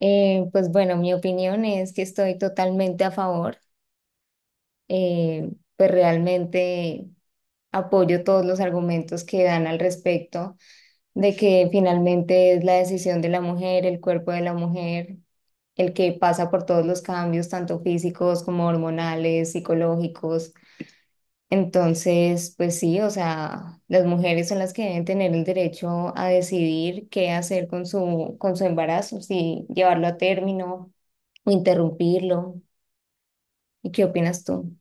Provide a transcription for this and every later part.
Pues bueno, mi opinión es que estoy totalmente a favor. eh, pues realmente apoyo todos los argumentos que dan al respecto de que finalmente es la decisión de la mujer, el cuerpo de la mujer, el que pasa por todos los cambios, tanto físicos como hormonales, psicológicos. Entonces, pues sí, o sea, las mujeres son las que deben tener el derecho a decidir qué hacer con su embarazo, si llevarlo a término o interrumpirlo. ¿Y qué opinas tú?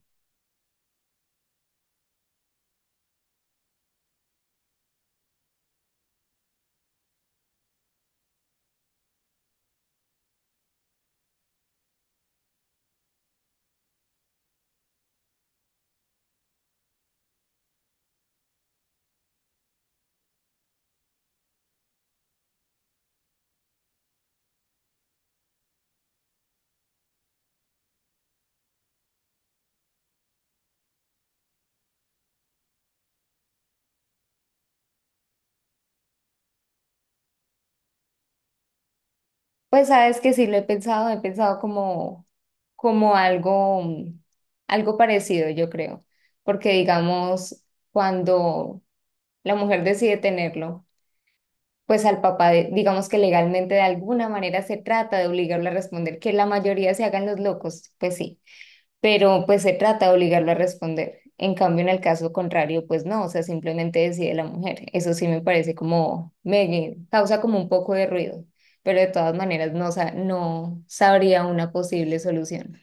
Pues sabes que sí lo he pensado, he pensado como algo parecido, yo creo, porque digamos, cuando la mujer decide tenerlo, pues al papá, digamos que legalmente de alguna manera se trata de obligarlo a responder, que la mayoría se hagan los locos, pues sí. Pero pues se trata de obligarlo a responder. En cambio, en el caso contrario, pues no, o sea, simplemente decide la mujer. Eso sí me parece como, me causa como un poco de ruido, pero de todas maneras no, no sabría una posible solución.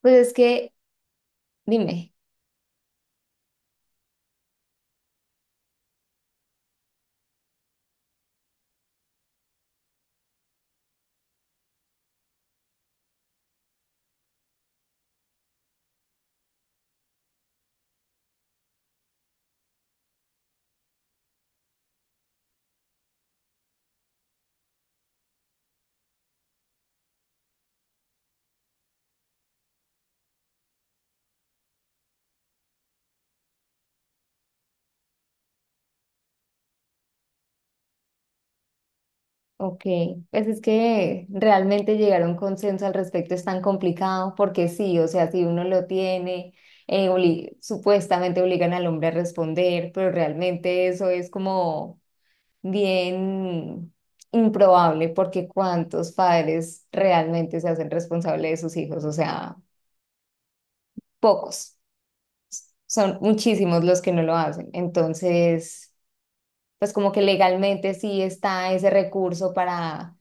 Pues es que, dime. Ok, pues es que realmente llegar a un consenso al respecto es tan complicado porque sí, o sea, si uno lo tiene. Supuestamente obligan al hombre a responder, pero realmente eso es como bien improbable porque ¿cuántos padres realmente se hacen responsable de sus hijos? O sea, pocos. Son muchísimos los que no lo hacen. Entonces, pues como que legalmente sí está ese recurso para,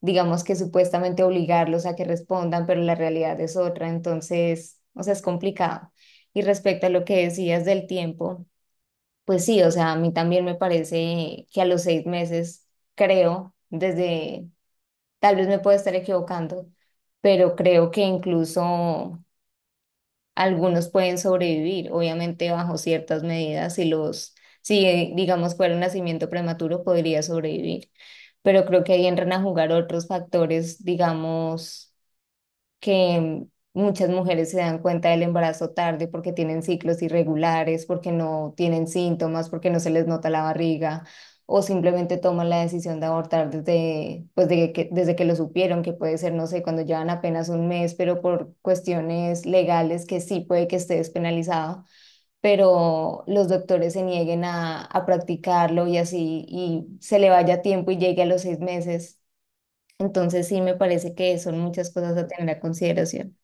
digamos que supuestamente obligarlos a que respondan, pero la realidad es otra. Entonces, o sea, es complicado. Y respecto a lo que decías del tiempo, pues sí, o sea, a mí también me parece que a los 6 meses, creo, desde. Tal vez me puedo estar equivocando, pero creo que incluso algunos pueden sobrevivir, obviamente bajo ciertas medidas, si digamos fuera un nacimiento prematuro, podría sobrevivir. Pero creo que ahí entran a jugar otros factores, digamos que muchas mujeres se dan cuenta del embarazo tarde porque tienen ciclos irregulares, porque no tienen síntomas, porque no se les nota la barriga, o simplemente toman la decisión de abortar desde que lo supieron, que puede ser, no sé, cuando llevan apenas un mes, pero por cuestiones legales que sí puede que esté despenalizado pero los doctores se nieguen a practicarlo y así, y se le vaya tiempo y llegue a los 6 meses. Entonces sí me parece que son muchas cosas a tener a consideración.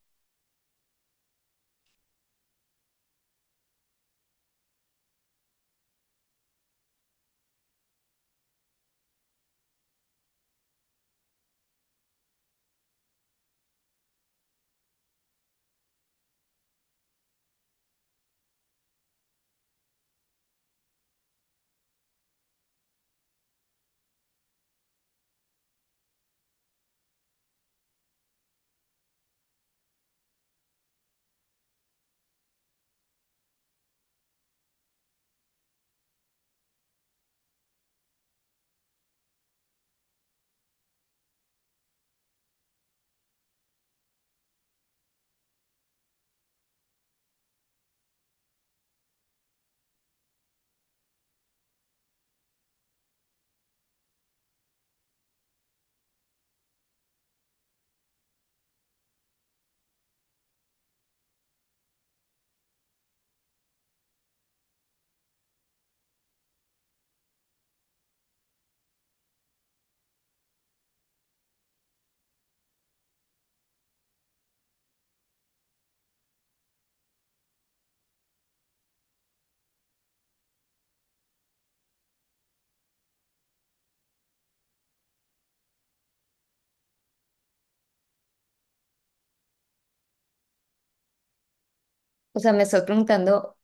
O sea, me estás preguntando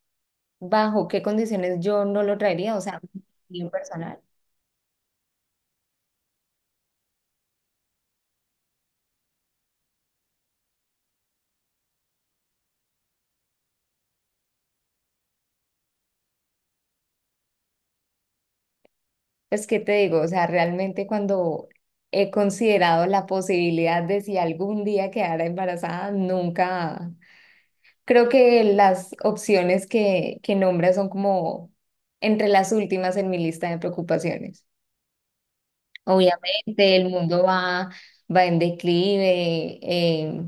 bajo qué condiciones yo no lo traería, o sea, mi personal. Pues, ¿qué te digo? O sea, realmente cuando he considerado la posibilidad de si algún día quedara embarazada, nunca. Creo que las opciones que nombras son como entre las últimas en mi lista de preocupaciones. Obviamente, el mundo va en declive,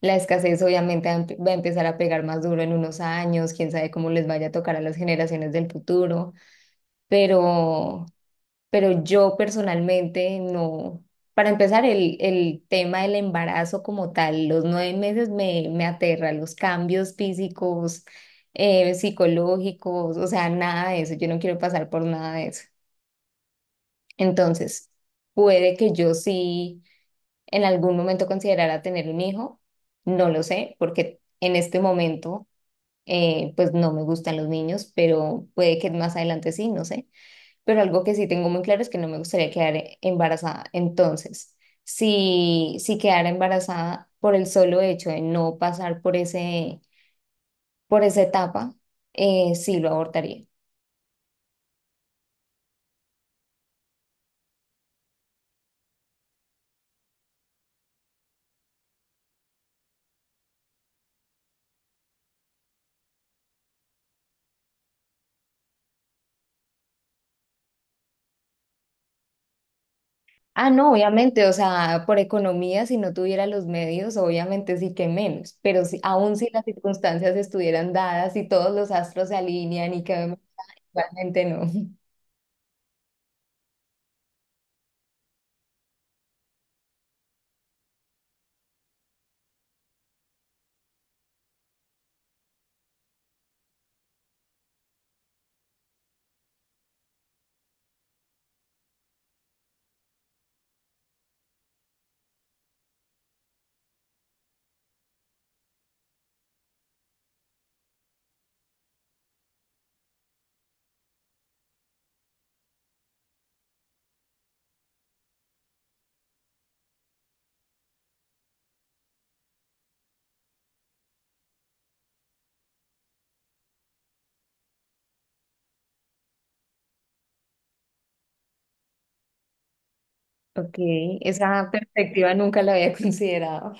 la escasez obviamente va a empezar a pegar más duro en unos años, quién sabe cómo les vaya a tocar a las generaciones del futuro, pero, pero yo personalmente no. Para empezar, el tema del embarazo como tal, los 9 meses me aterra, los cambios físicos, psicológicos, o sea, nada de eso, yo no quiero pasar por nada de eso. Entonces, puede que yo sí en algún momento considerara tener un hijo, no lo sé, porque en este momento pues no me gustan los niños, pero puede que más adelante sí, no sé. Pero algo que sí tengo muy claro es que no me gustaría quedar embarazada. Entonces, si quedara embarazada por el solo hecho de no pasar por ese, por esa etapa, sí lo abortaría. Ah, no, obviamente, o sea, por economía, si no tuviera los medios, obviamente sí que menos, pero aún si las circunstancias estuvieran dadas y todos los astros se alinean y que realmente no. Ok, esa perspectiva nunca la había considerado.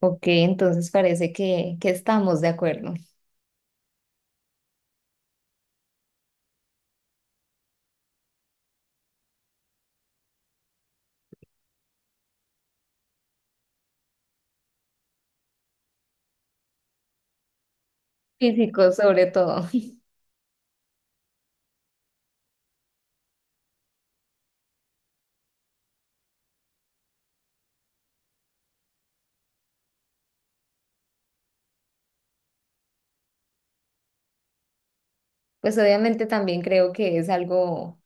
Ok, entonces parece que estamos de acuerdo. Físicos sobre todo. Pues obviamente también creo que es algo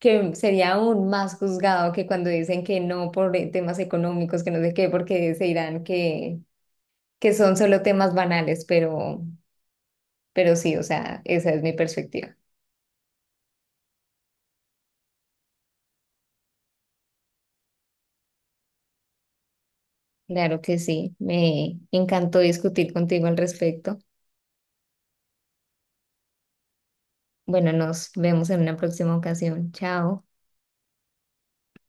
que sería aún más juzgado que cuando dicen que no por temas económicos, que no sé qué, porque se dirán que son solo temas banales, pero sí, o sea, esa es mi perspectiva. Claro que sí, me encantó discutir contigo al respecto. Bueno, nos vemos en una próxima ocasión. Chao.